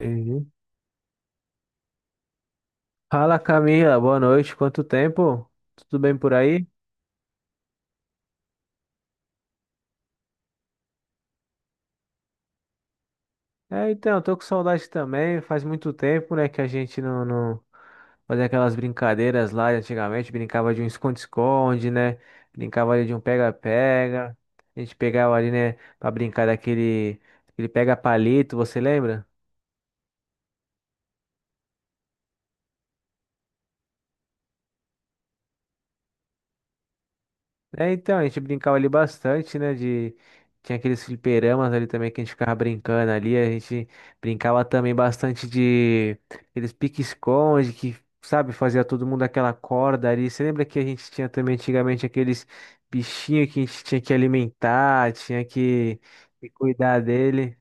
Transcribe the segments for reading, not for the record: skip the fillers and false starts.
Entendi. Fala Camila, boa noite. Quanto tempo? Tudo bem por aí? É, então, tô com saudade também. Faz muito tempo, né, que a gente não fazia aquelas brincadeiras lá de antigamente. Brincava de um esconde-esconde, né? Brincava ali de um pega-pega. A gente pegava ali, né, pra brincar aquele pega-palito, você lembra? É, então, a gente brincava ali bastante, né, de... Tinha aqueles fliperamas ali também que a gente ficava brincando ali, a gente brincava também bastante de... Aqueles pique-esconde que, sabe, fazia todo mundo aquela corda ali. Você lembra que a gente tinha também antigamente aqueles bichinhos que a gente tinha que alimentar, que cuidar dele?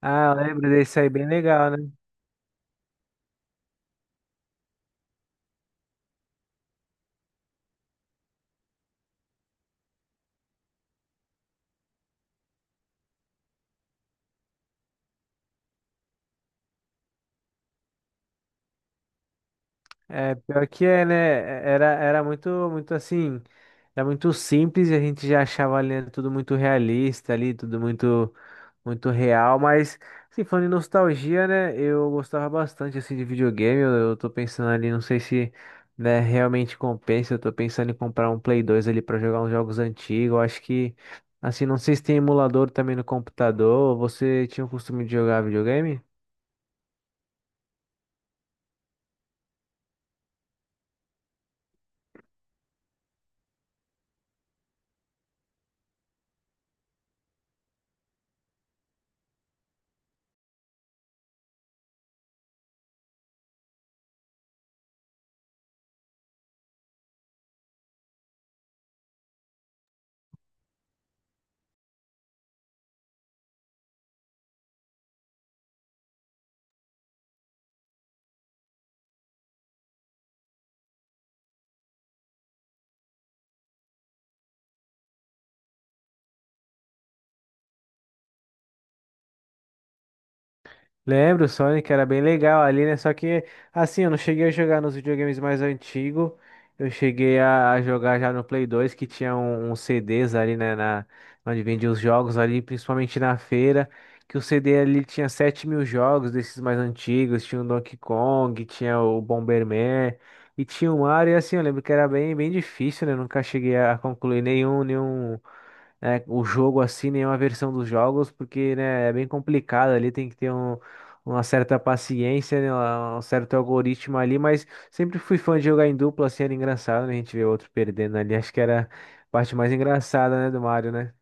Ah, eu lembro desse aí, bem legal, né? É, pior que é, né? É, era muito, muito assim... Era muito simples e a gente já achava ali né, tudo muito realista ali, tudo muito real, mas assim falando em nostalgia, né, eu gostava bastante assim de videogame. Eu tô pensando ali, não sei se, né, realmente compensa. Eu tô pensando em comprar um Play 2 ali pra jogar uns jogos antigos. Eu acho que assim, não sei se tem emulador também no computador. Você tinha o costume de jogar videogame? Lembro, o Sonic era bem legal ali, né? Só que, assim, eu não cheguei a jogar nos videogames mais antigos. Eu cheguei a jogar já no Play 2, que tinha uns CDs ali, né? Na, onde vendia os jogos ali, principalmente na feira. Que o CD ali tinha 7.000 jogos desses mais antigos. Tinha o Donkey Kong, tinha o Bomberman e tinha o Mario. E assim, eu lembro que era bem, bem difícil, né? Eu nunca cheguei a concluir nenhum né, o jogo assim, nenhuma versão dos jogos, porque, né, é bem complicado ali, tem que ter uma certa paciência, né, um certo algoritmo ali, mas sempre fui fã de jogar em dupla, assim, era engraçado, né, a gente ver outro perdendo ali, acho que era a parte mais engraçada, né, do Mario, né?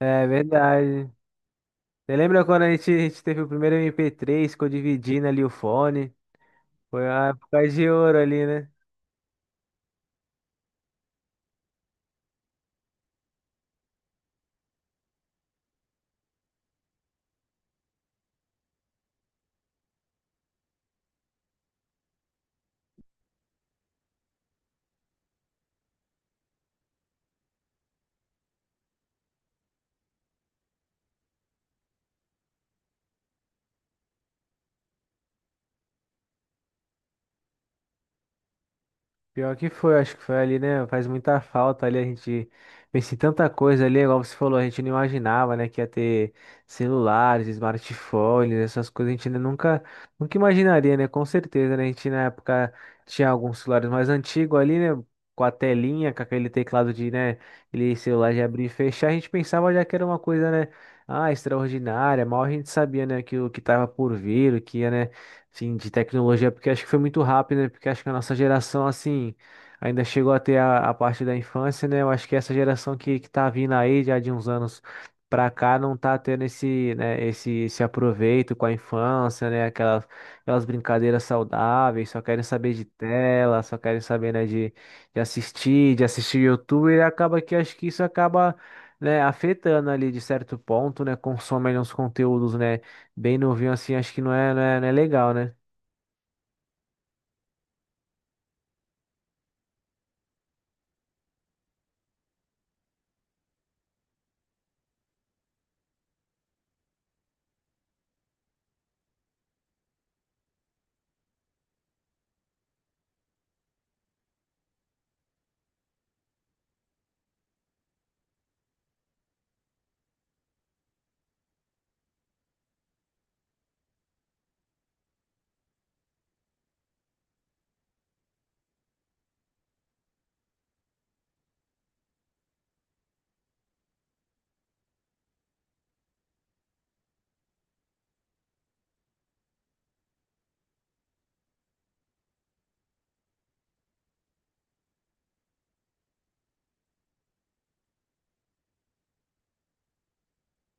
É verdade. Você lembra quando a gente teve o primeiro MP3, ficou dividindo ali o fone? Foi a época de ouro ali, né? Pior que foi, acho que foi ali, né? Faz muita falta ali, a gente pensa em tanta coisa ali, igual você falou, a gente não imaginava, né, que ia ter celulares, smartphones, essas coisas, a gente ainda nunca imaginaria, né? Com certeza, né? A gente na época tinha alguns celulares mais antigos ali, né? Com a telinha, com aquele teclado de, né, aquele celular de abrir e fechar, a gente pensava já que era uma coisa, né? Ah, extraordinária, mal a gente sabia, né, que o que tava por vir, o que ia, né? Sim, de tecnologia, porque acho que foi muito rápido, né? Porque acho que a nossa geração, assim, ainda chegou até a parte da infância, né? Eu acho que essa que tá vindo aí já de uns anos pra cá não tá tendo esse esse aproveito com a infância, né? Aquelas brincadeiras saudáveis, só querem saber de tela, só querem saber, né, de assistir YouTube, e acaba que acho que isso acaba, né, afetando ali de certo ponto, né? Consomem os conteúdos, né? Bem novinho assim, acho que não é legal, né?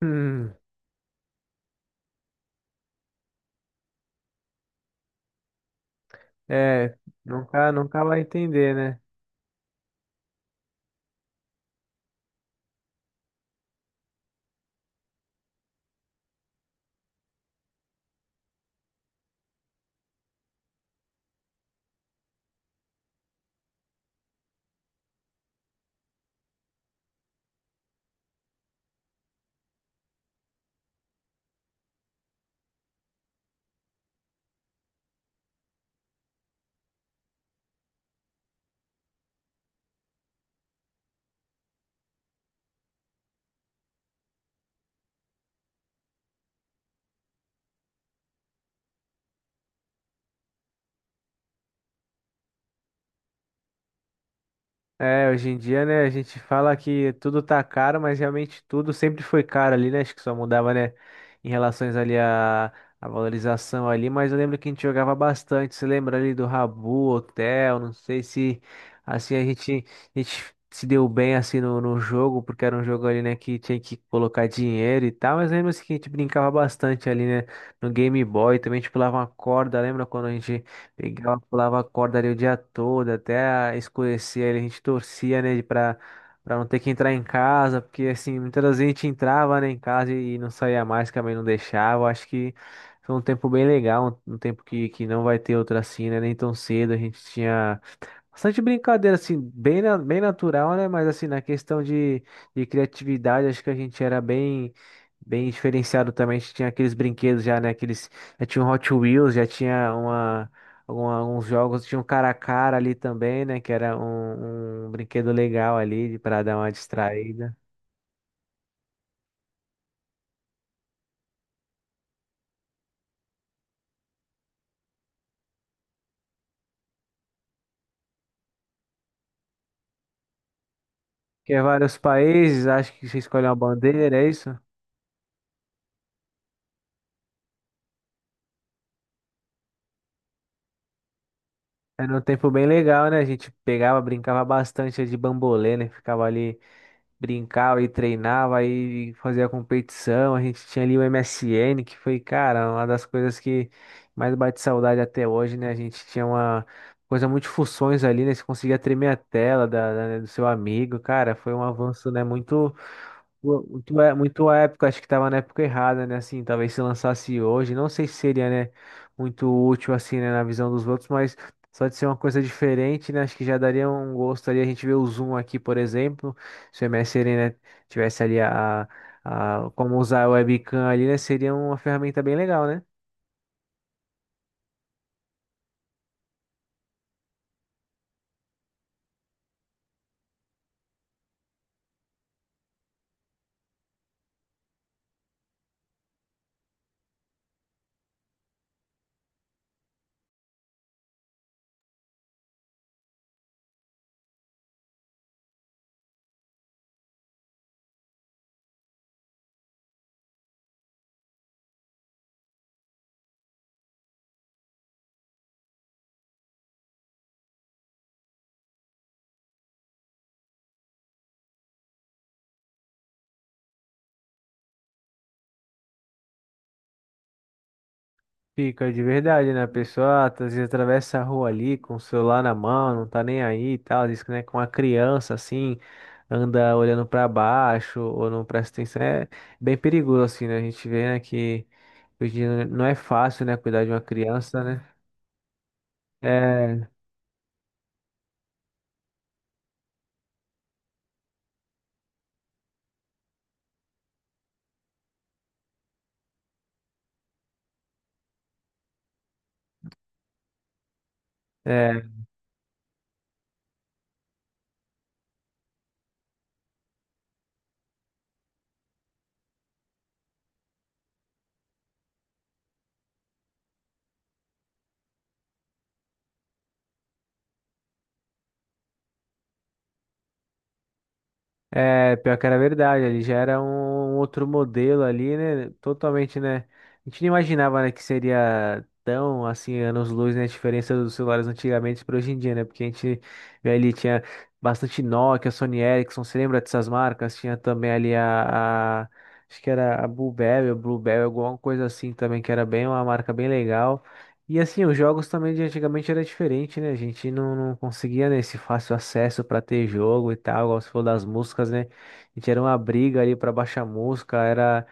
Hum, é, nunca vai entender, né? É, hoje em dia, né, a gente fala que tudo tá caro, mas realmente tudo sempre foi caro ali, né? Acho que só mudava, né, em relações ali à valorização ali, mas eu lembro que a gente jogava bastante. Você lembra ali do Rabu, Hotel, não sei se assim a gente se deu bem assim no, no jogo, porque era um jogo ali, né, que tinha que colocar dinheiro e tal, mas lembra assim, que a gente brincava bastante ali, né, no Game Boy, também a gente pulava uma corda, lembra quando a gente pegava, pulava a corda ali o dia todo, até escurecer, ali a gente torcia, né, pra não ter que entrar em casa, porque assim, muitas vezes a gente entrava, né, em casa e não saía mais, que a mãe não deixava. Acho que foi um tempo bem legal, um tempo que não vai ter outro assim, né, nem tão cedo. A gente tinha bastante brincadeira, assim, bem, bem natural, né? Mas assim, na questão de criatividade, acho que a gente era bem, bem diferenciado também. A gente tinha aqueles brinquedos já, né? Aqueles, já tinha um Hot Wheels, já tinha uma, alguns jogos, tinha um cara a cara ali também, né? Que era um brinquedo legal ali para dar uma distraída. Que é vários países, acho que você escolhe uma bandeira, é isso? Era um tempo bem legal, né? A gente pegava, brincava bastante de bambolê, né? Ficava ali, brincava e treinava e fazia competição. A gente tinha ali o MSN, que foi, cara, uma das coisas que mais bate saudade até hoje, né? A gente tinha uma coisa muito funções ali, né? Você conseguia tremer a tela né, do seu amigo, cara, foi um avanço, né? Muito. Muito à época, acho que estava na época errada, né? Assim, talvez se lançasse hoje, não sei se seria, né, muito útil, assim, né, na visão dos outros, mas só de ser uma coisa diferente, né? Acho que já daria um gosto ali. A gente vê o Zoom aqui, por exemplo, se o MSN, né, tivesse ali a, como usar a webcam ali, né, seria uma ferramenta bem legal, né? Fica de verdade, né? A pessoa ah, tá, às vezes atravessa a rua ali com o celular na mão, não tá nem aí e tal. Diz que, né, com a criança assim, anda olhando pra baixo ou não presta atenção. É bem perigoso, assim, né? A gente vê, né, que hoje em dia não é fácil, né, cuidar de uma criança, né? É, É, é, pior que era verdade, ele já era um outro modelo ali, né? Totalmente, né? A gente não imaginava, né, que seria tão, assim, anos-luz, né? A diferença dos celulares antigamente para hoje em dia, né? Porque a gente vê ali, tinha bastante Nokia, Sony Ericsson, você lembra dessas marcas? Tinha também ali acho que era a Bluebell, Bluebell, alguma coisa assim também, que era bem uma marca bem legal. E assim, os jogos também de antigamente era diferente, né? A gente não conseguia, né, esse fácil acesso para ter jogo e tal, igual você falou das músicas, né? A gente era uma briga ali para baixar música, era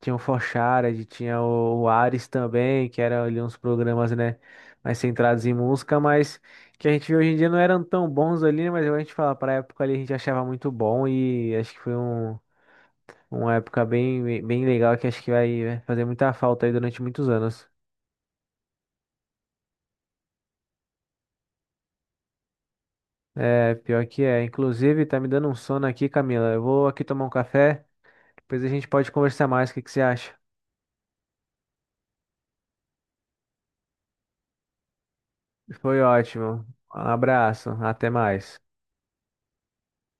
tinha o Forshared, tinha o Ares também, que eram ali uns programas, né, mais centrados em música, mas que a gente vê hoje em dia não eram tão bons ali, né? Mas a gente fala, pra época ali a gente achava muito bom e acho que foi um, uma época bem, bem legal que acho que vai né, fazer muita falta aí durante muitos anos. É, pior que é. Inclusive, tá me dando um sono aqui, Camila. Eu vou aqui tomar um café, depois a gente pode conversar mais. O que que você acha? Foi ótimo. Um abraço, até mais.